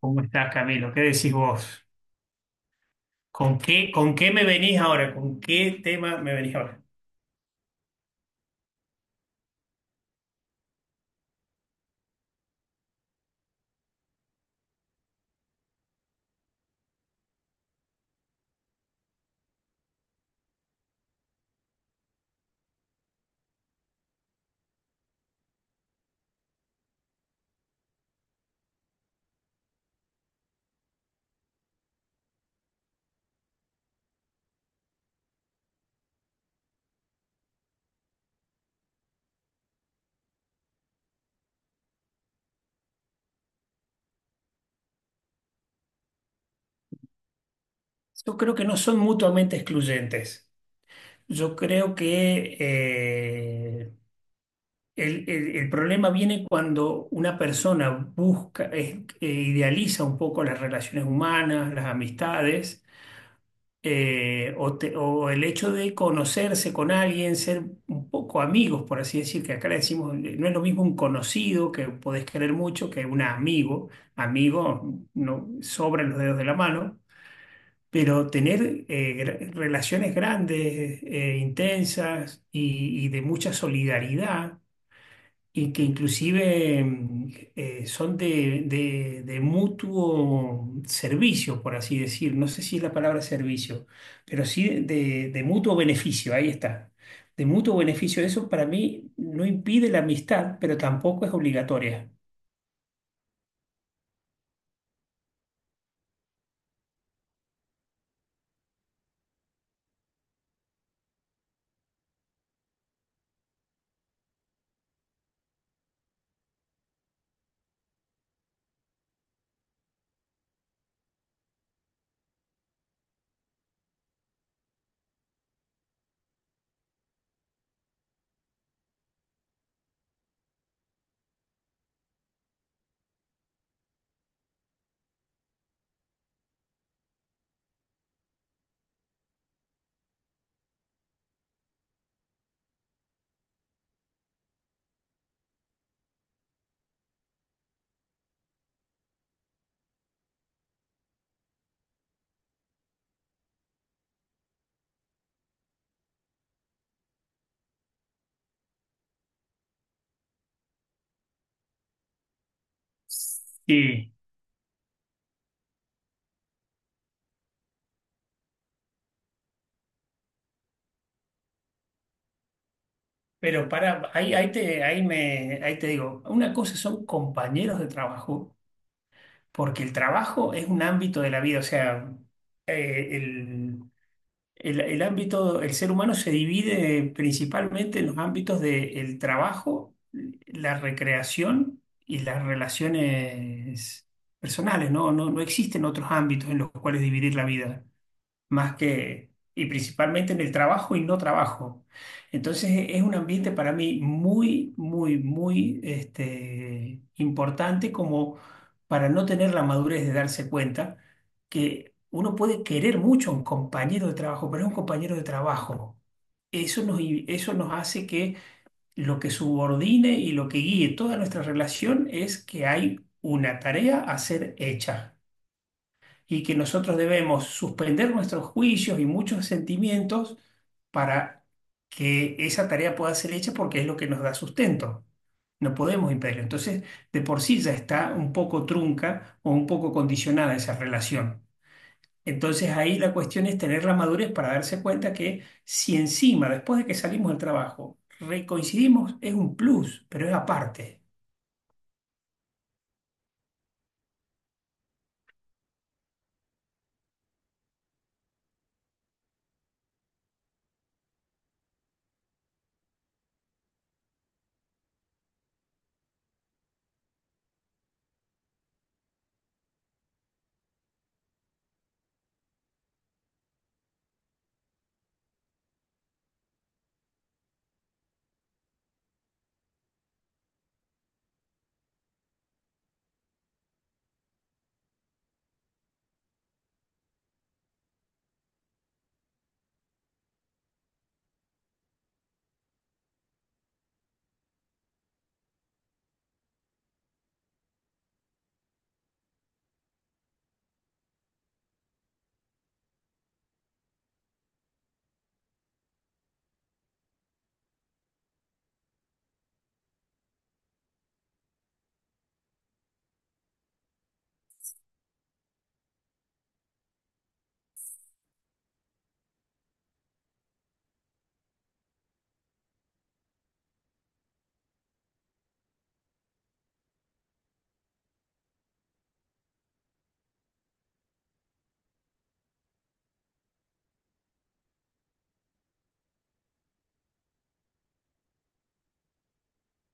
¿Cómo estás, Camilo? ¿Qué decís vos? ¿Con qué me venís ahora? ¿Con qué tema me venís ahora? Yo creo que no son mutuamente excluyentes. Yo creo que el problema viene cuando una persona busca, idealiza un poco las relaciones humanas, las amistades. O el hecho de conocerse con alguien, ser un poco amigos, por así decir, que acá le decimos, no es lo mismo un conocido que podés querer mucho que un amigo, amigo, no sobran los dedos de la mano, pero tener relaciones grandes, intensas y de mucha solidaridad y que inclusive son de mutuo servicio, por así decir. No sé si es la palabra servicio, pero sí de mutuo beneficio, ahí está. De mutuo beneficio, eso para mí no impide la amistad, pero tampoco es obligatoria. Sí. Pero para, ahí, ahí te, ahí me, ahí te digo, una cosa son compañeros de trabajo, porque el trabajo es un ámbito de la vida, o sea, eh, el ámbito, el ser humano se divide principalmente en los ámbitos del trabajo, la recreación y las relaciones personales, ¿no? No existen otros ámbitos en los cuales dividir la vida más que, y principalmente en el trabajo y no trabajo. Entonces es un ambiente para mí muy este, importante como para no tener la madurez de darse cuenta que uno puede querer mucho a un compañero de trabajo, pero es un compañero de trabajo. Eso nos hace que lo que subordine y lo que guíe toda nuestra relación es que hay una tarea a ser hecha, y que nosotros debemos suspender nuestros juicios y muchos sentimientos para que esa tarea pueda ser hecha porque es lo que nos da sustento. No podemos impedirlo. Entonces, de por sí ya está un poco trunca o un poco condicionada esa relación. Entonces, ahí la cuestión es tener la madurez para darse cuenta que si encima, después de que salimos del trabajo, recoincidimos, es un plus, pero es aparte.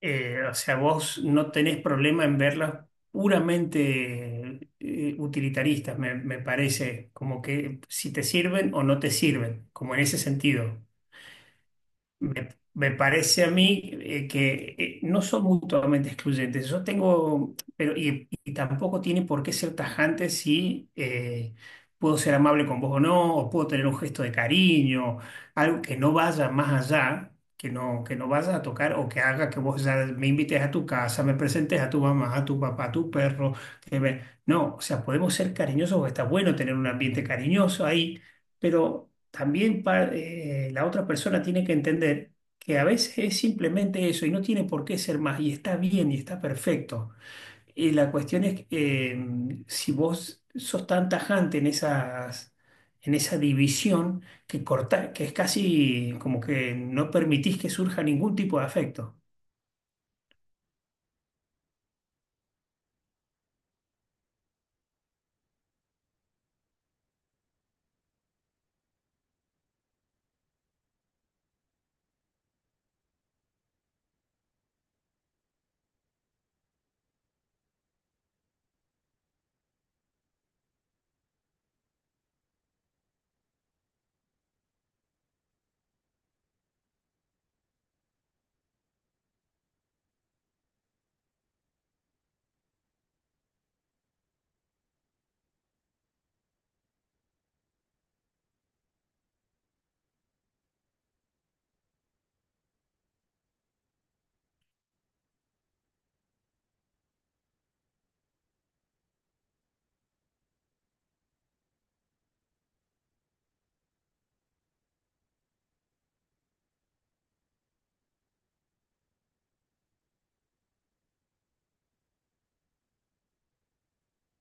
O sea, vos no tenés problema en verlas puramente utilitaristas, me parece, como que si te sirven o no te sirven, como en ese sentido. Me, Me parece a mí que no son mutuamente excluyentes. Yo tengo, pero y tampoco tiene por qué ser tajante si puedo ser amable con vos o no, o puedo tener un gesto de cariño, algo que no vaya más allá, que no vaya a tocar o que haga que vos ya me invites a tu casa, me presentes a tu mamá, a tu papá, a tu perro. No, o sea, podemos ser cariñosos, está bueno tener un ambiente cariñoso ahí, pero también la otra persona tiene que entender que a veces es simplemente eso y no tiene por qué ser más y está bien y está perfecto. Y la cuestión es si vos sos tan tajante en en esa división que corta, que es casi como que no permitís que surja ningún tipo de afecto.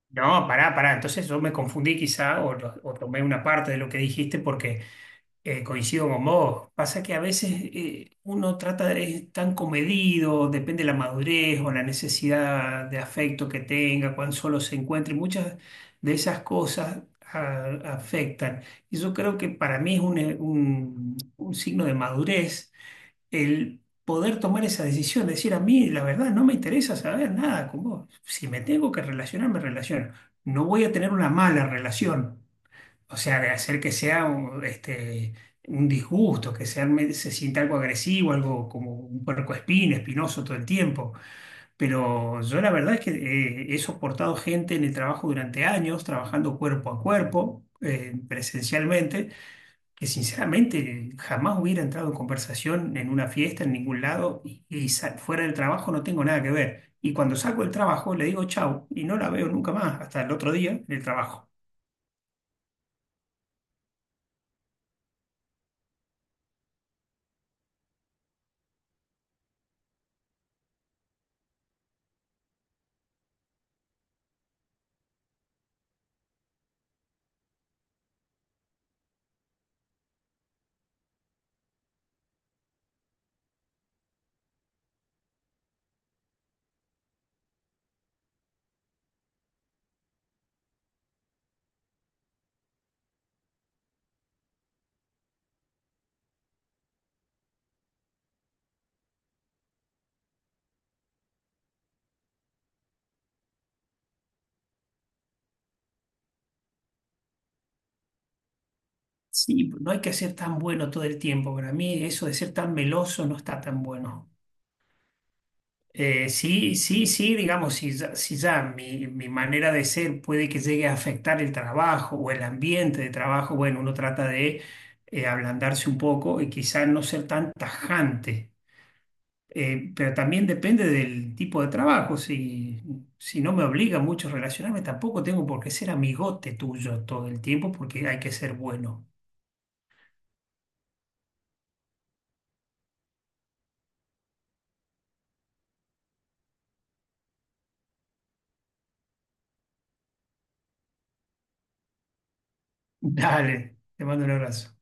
No, pará, pará. Entonces yo me confundí quizá, o tomé una parte de lo que dijiste porque... Coincido con vos. Pasa que a veces uno trata de es tan comedido, depende de la madurez o la necesidad de afecto que tenga, cuán solo se encuentre. Muchas de esas cosas afectan. Y yo creo que para mí es un signo de madurez el poder tomar esa decisión, decir a mí, la verdad, no me interesa saber nada con vos. Si me tengo que relacionar, me relaciono. No voy a tener una mala relación, o sea, de hacer que sea este, un disgusto, que sea, se sienta algo agresivo, algo como un puercoespín, espinoso todo el tiempo. Pero yo la verdad es que he soportado gente en el trabajo durante años, trabajando cuerpo a cuerpo, presencialmente, que sinceramente jamás hubiera entrado en conversación en una fiesta, en ningún lado, y fuera del trabajo no tengo nada que ver. Y cuando salgo del trabajo le digo chau y no la veo nunca más hasta el otro día en el trabajo. Sí, pues, no hay que ser tan bueno todo el tiempo. Para mí eso de ser tan meloso no está tan bueno. Sí, sí, sí, digamos, si ya mi manera de ser puede que llegue a afectar el trabajo o el ambiente de trabajo, bueno, uno trata de ablandarse un poco y quizás no ser tan tajante. Pero también depende del tipo de trabajo. Si, si no me obliga mucho a relacionarme, tampoco tengo por qué ser amigote tuyo todo el tiempo porque hay que ser bueno. Dale, te mando un abrazo.